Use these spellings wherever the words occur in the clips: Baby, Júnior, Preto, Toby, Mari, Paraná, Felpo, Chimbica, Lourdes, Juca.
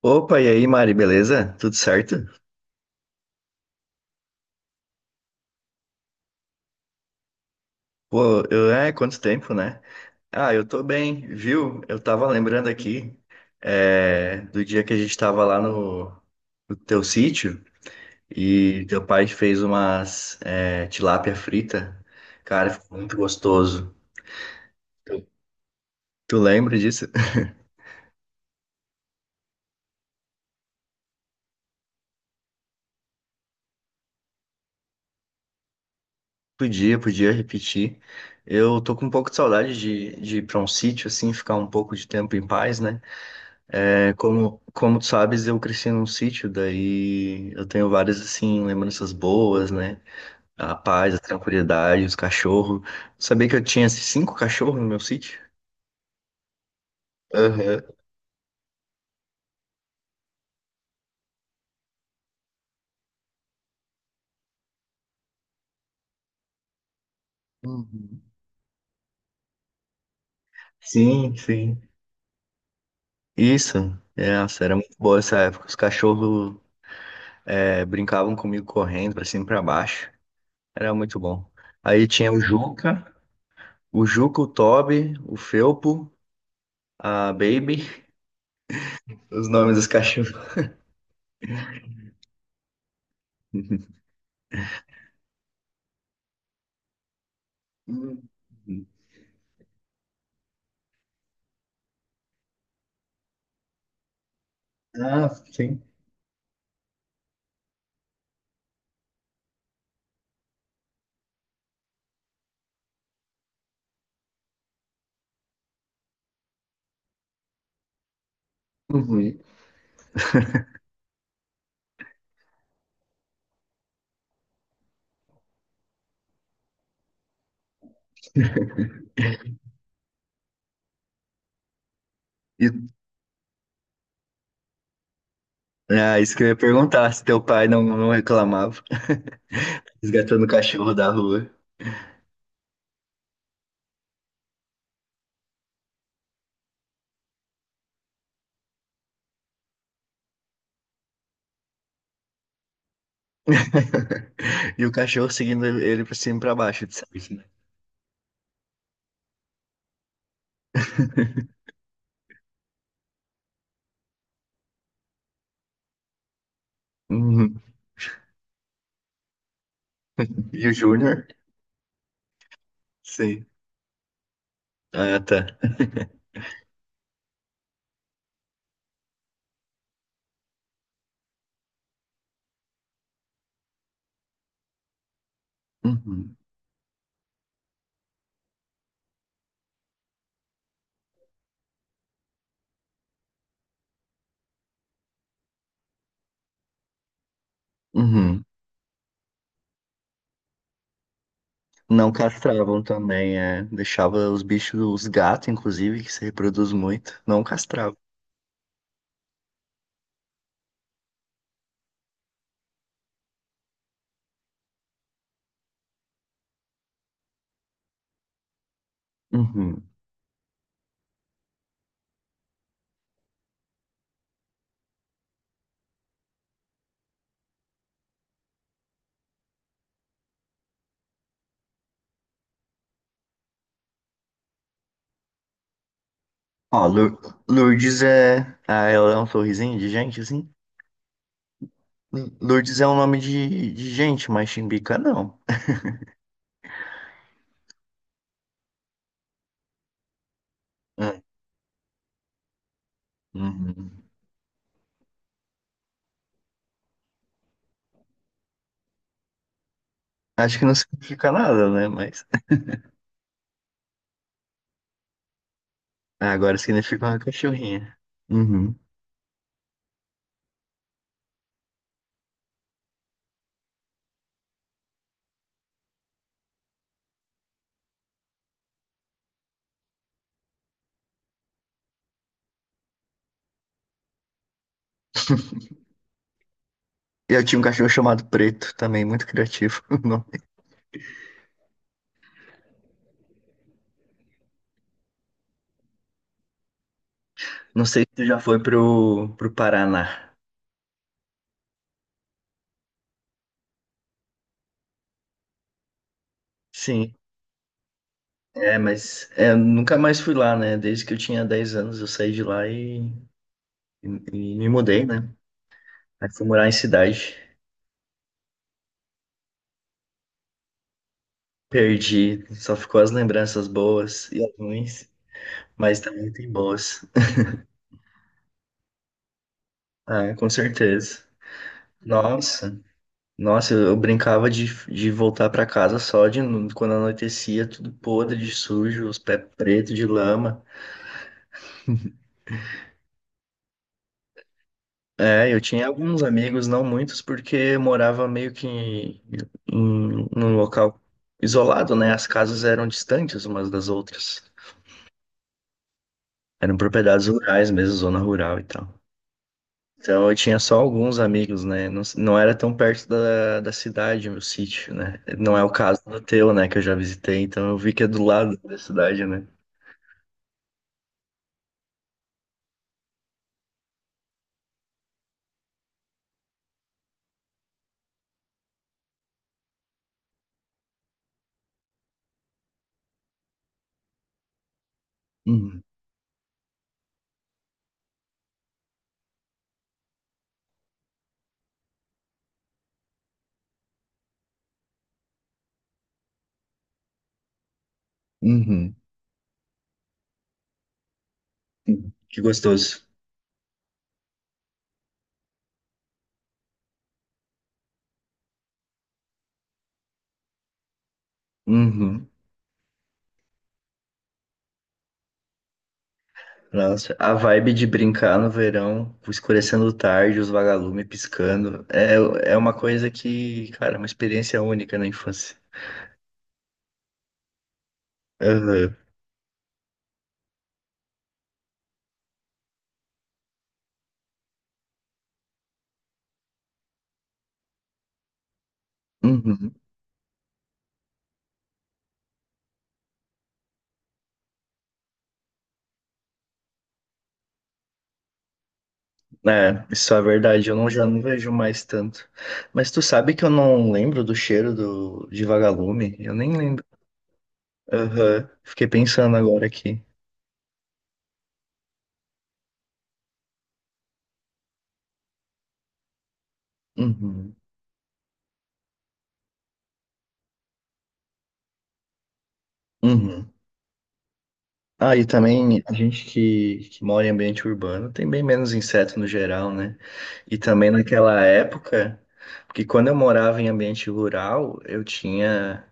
Opa, e aí, Mari, beleza? Tudo certo? Pô, eu, quanto tempo, né? Ah, eu tô bem, viu? Eu tava lembrando aqui, do dia que a gente tava lá no teu sítio e teu pai fez umas, tilápia frita. Cara, ficou muito gostoso. Tu tu lembra disso? Podia repetir. Eu tô com um pouco de saudade de ir pra um sítio, assim, ficar um pouco de tempo em paz, né? É, como tu sabes, eu cresci num sítio, daí eu tenho várias, assim, lembranças boas, né? A paz, a tranquilidade, os cachorros. Sabia que eu tinha assim, cinco cachorros no meu sítio? Aham. Uhum. Sim, sim. Isso. É, nossa, era muito boa essa época. Os cachorros brincavam comigo correndo pra cima e pra baixo. Era muito bom. Aí tinha o Juca, o Toby, o Felpo, a Baby, os nomes dos cachorros. Ah, sim. Uhum. E, ah, isso que eu ia perguntar, se teu pai não reclamava, resgatando o cachorro da rua. E o cachorro seguindo ele pra cima e pra baixo, tu sabe, né? Uhum. E o Júnior? Sim. Ah, tá. Uhum. Uhum. Não castravam também, é. Deixava os bichos, os gatos, inclusive, que se reproduz muito, não castravam. Uhum. Ó, Lourdes é. Ah, ela é um sorrisinho de gente, assim. Lourdes é um nome de gente, mas Chimbica não. É. Uhum. Acho que não significa nada, né? Mas. Ah, agora significa uma cachorrinha. Uhum. Eu tinha um cachorro chamado Preto também, muito criativo. Não, não sei se tu já foi pro Paraná. Sim, mas nunca mais fui lá, né? Desde que eu tinha 10 anos eu saí de lá e, e me mudei, né? Aí fui morar em cidade. Perdi, só ficou as lembranças boas e as ruins, mas também tem boas. Ah, com certeza. Nossa, nossa, eu brincava de voltar pra casa só de no- quando anoitecia, tudo podre de sujo, os pés pretos de lama. É, eu tinha alguns amigos, não muitos, porque eu morava meio que em, num local isolado, né? As casas eram distantes umas das outras. Eram propriedades rurais mesmo, zona rural e tal. Então eu tinha só alguns amigos, né? Não, não era tão perto da cidade, meu sítio, né? Não é o caso do teu, né? Que eu já visitei, então eu vi que é do lado da cidade, né? Uhum. Uhum. Uhum. Que gostoso. Uhum. Nossa, a vibe de brincar no verão, escurecendo tarde, os vagalumes piscando, é uma coisa que, cara, é uma experiência única na infância. Uhum. Uhum. É, isso é verdade, eu não, já não vejo mais tanto. Mas tu sabe que eu não lembro do cheiro do, de vagalume? Eu nem lembro. Aham, fiquei pensando agora aqui. Uhum, uhum. Ah, e também a gente que mora em ambiente urbano tem bem menos inseto no geral, né? E também naquela época, porque quando eu morava em ambiente rural, eu tinha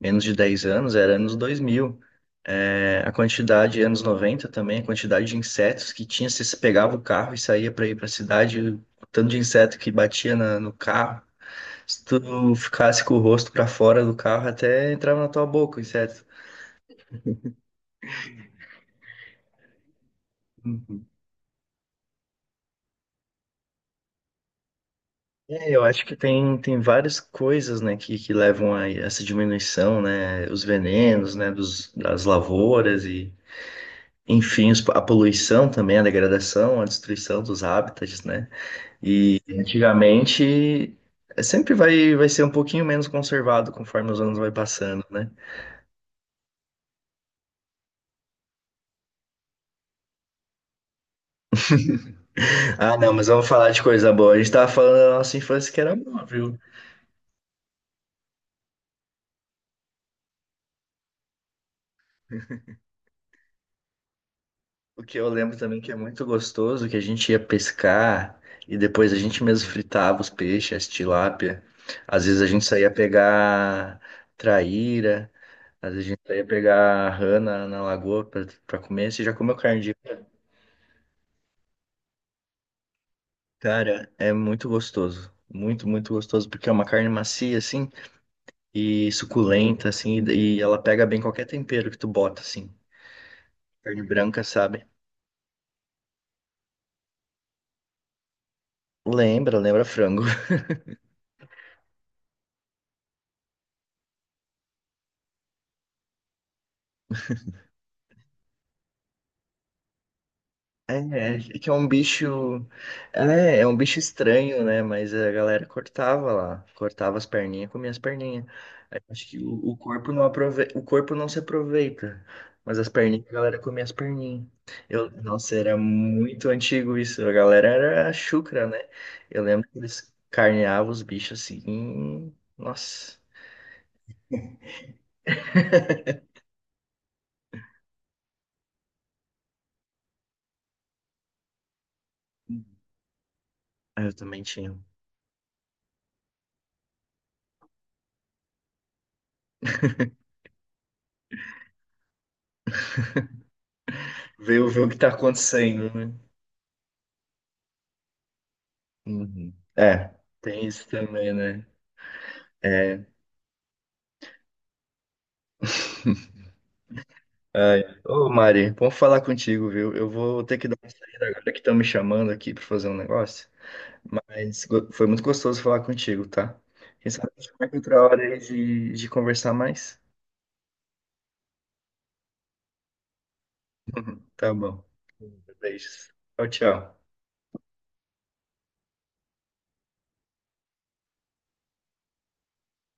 menos de 10 anos, era anos 2000. É, a quantidade, anos 90 também, a quantidade de insetos que tinha, você se pegava o carro e saía para ir para a cidade, o tanto de inseto que batia no carro, se tu ficasse com o rosto para fora do carro, até entrava na tua boca o inseto. Uhum. É, eu acho que tem várias coisas, né, que levam a essa diminuição, né, os venenos, né, dos, das lavouras e, enfim, a poluição também, a degradação, a destruição dos hábitats, né. E antigamente sempre vai ser um pouquinho menos conservado conforme os anos vai passando, né? Ah, não, mas vamos falar de coisa boa. A gente tava falando da nossa infância que era boa, viu? O que eu lembro também que é muito gostoso, que a gente ia pescar e depois a gente mesmo fritava os peixes, as tilápia. Às vezes a gente saía pegar traíra, às vezes a gente saía pegar rana na lagoa pra comer. Você já comeu carne de... Cara, é muito gostoso. Muito, muito gostoso, porque é uma carne macia, assim, e suculenta, assim, e ela pega bem qualquer tempero que tu bota, assim. Carne branca, sabe? Lembra frango. É, é que é um bicho. É um bicho estranho, né? Mas a galera cortava lá. Cortava as perninhas, comia as perninhas. Aí eu acho que o corpo não se aproveita. Mas as perninhas, a galera comia as perninhas. Nossa, era muito antigo isso. A galera era chucra, né? Eu lembro que eles carneavam os bichos assim. Nossa. Ah, eu também tinha. Ver o que tá acontecendo, né? Uhum. É, tem isso também, né? É. Ai, ô Mari, bom falar contigo, viu? Eu vou ter que dar uma saída agora que estão me chamando aqui para fazer um negócio, mas foi muito gostoso falar contigo, tá? Quem sabe a gente marca outra hora aí de conversar mais? Tá bom. Beijos. Tchau, tchau.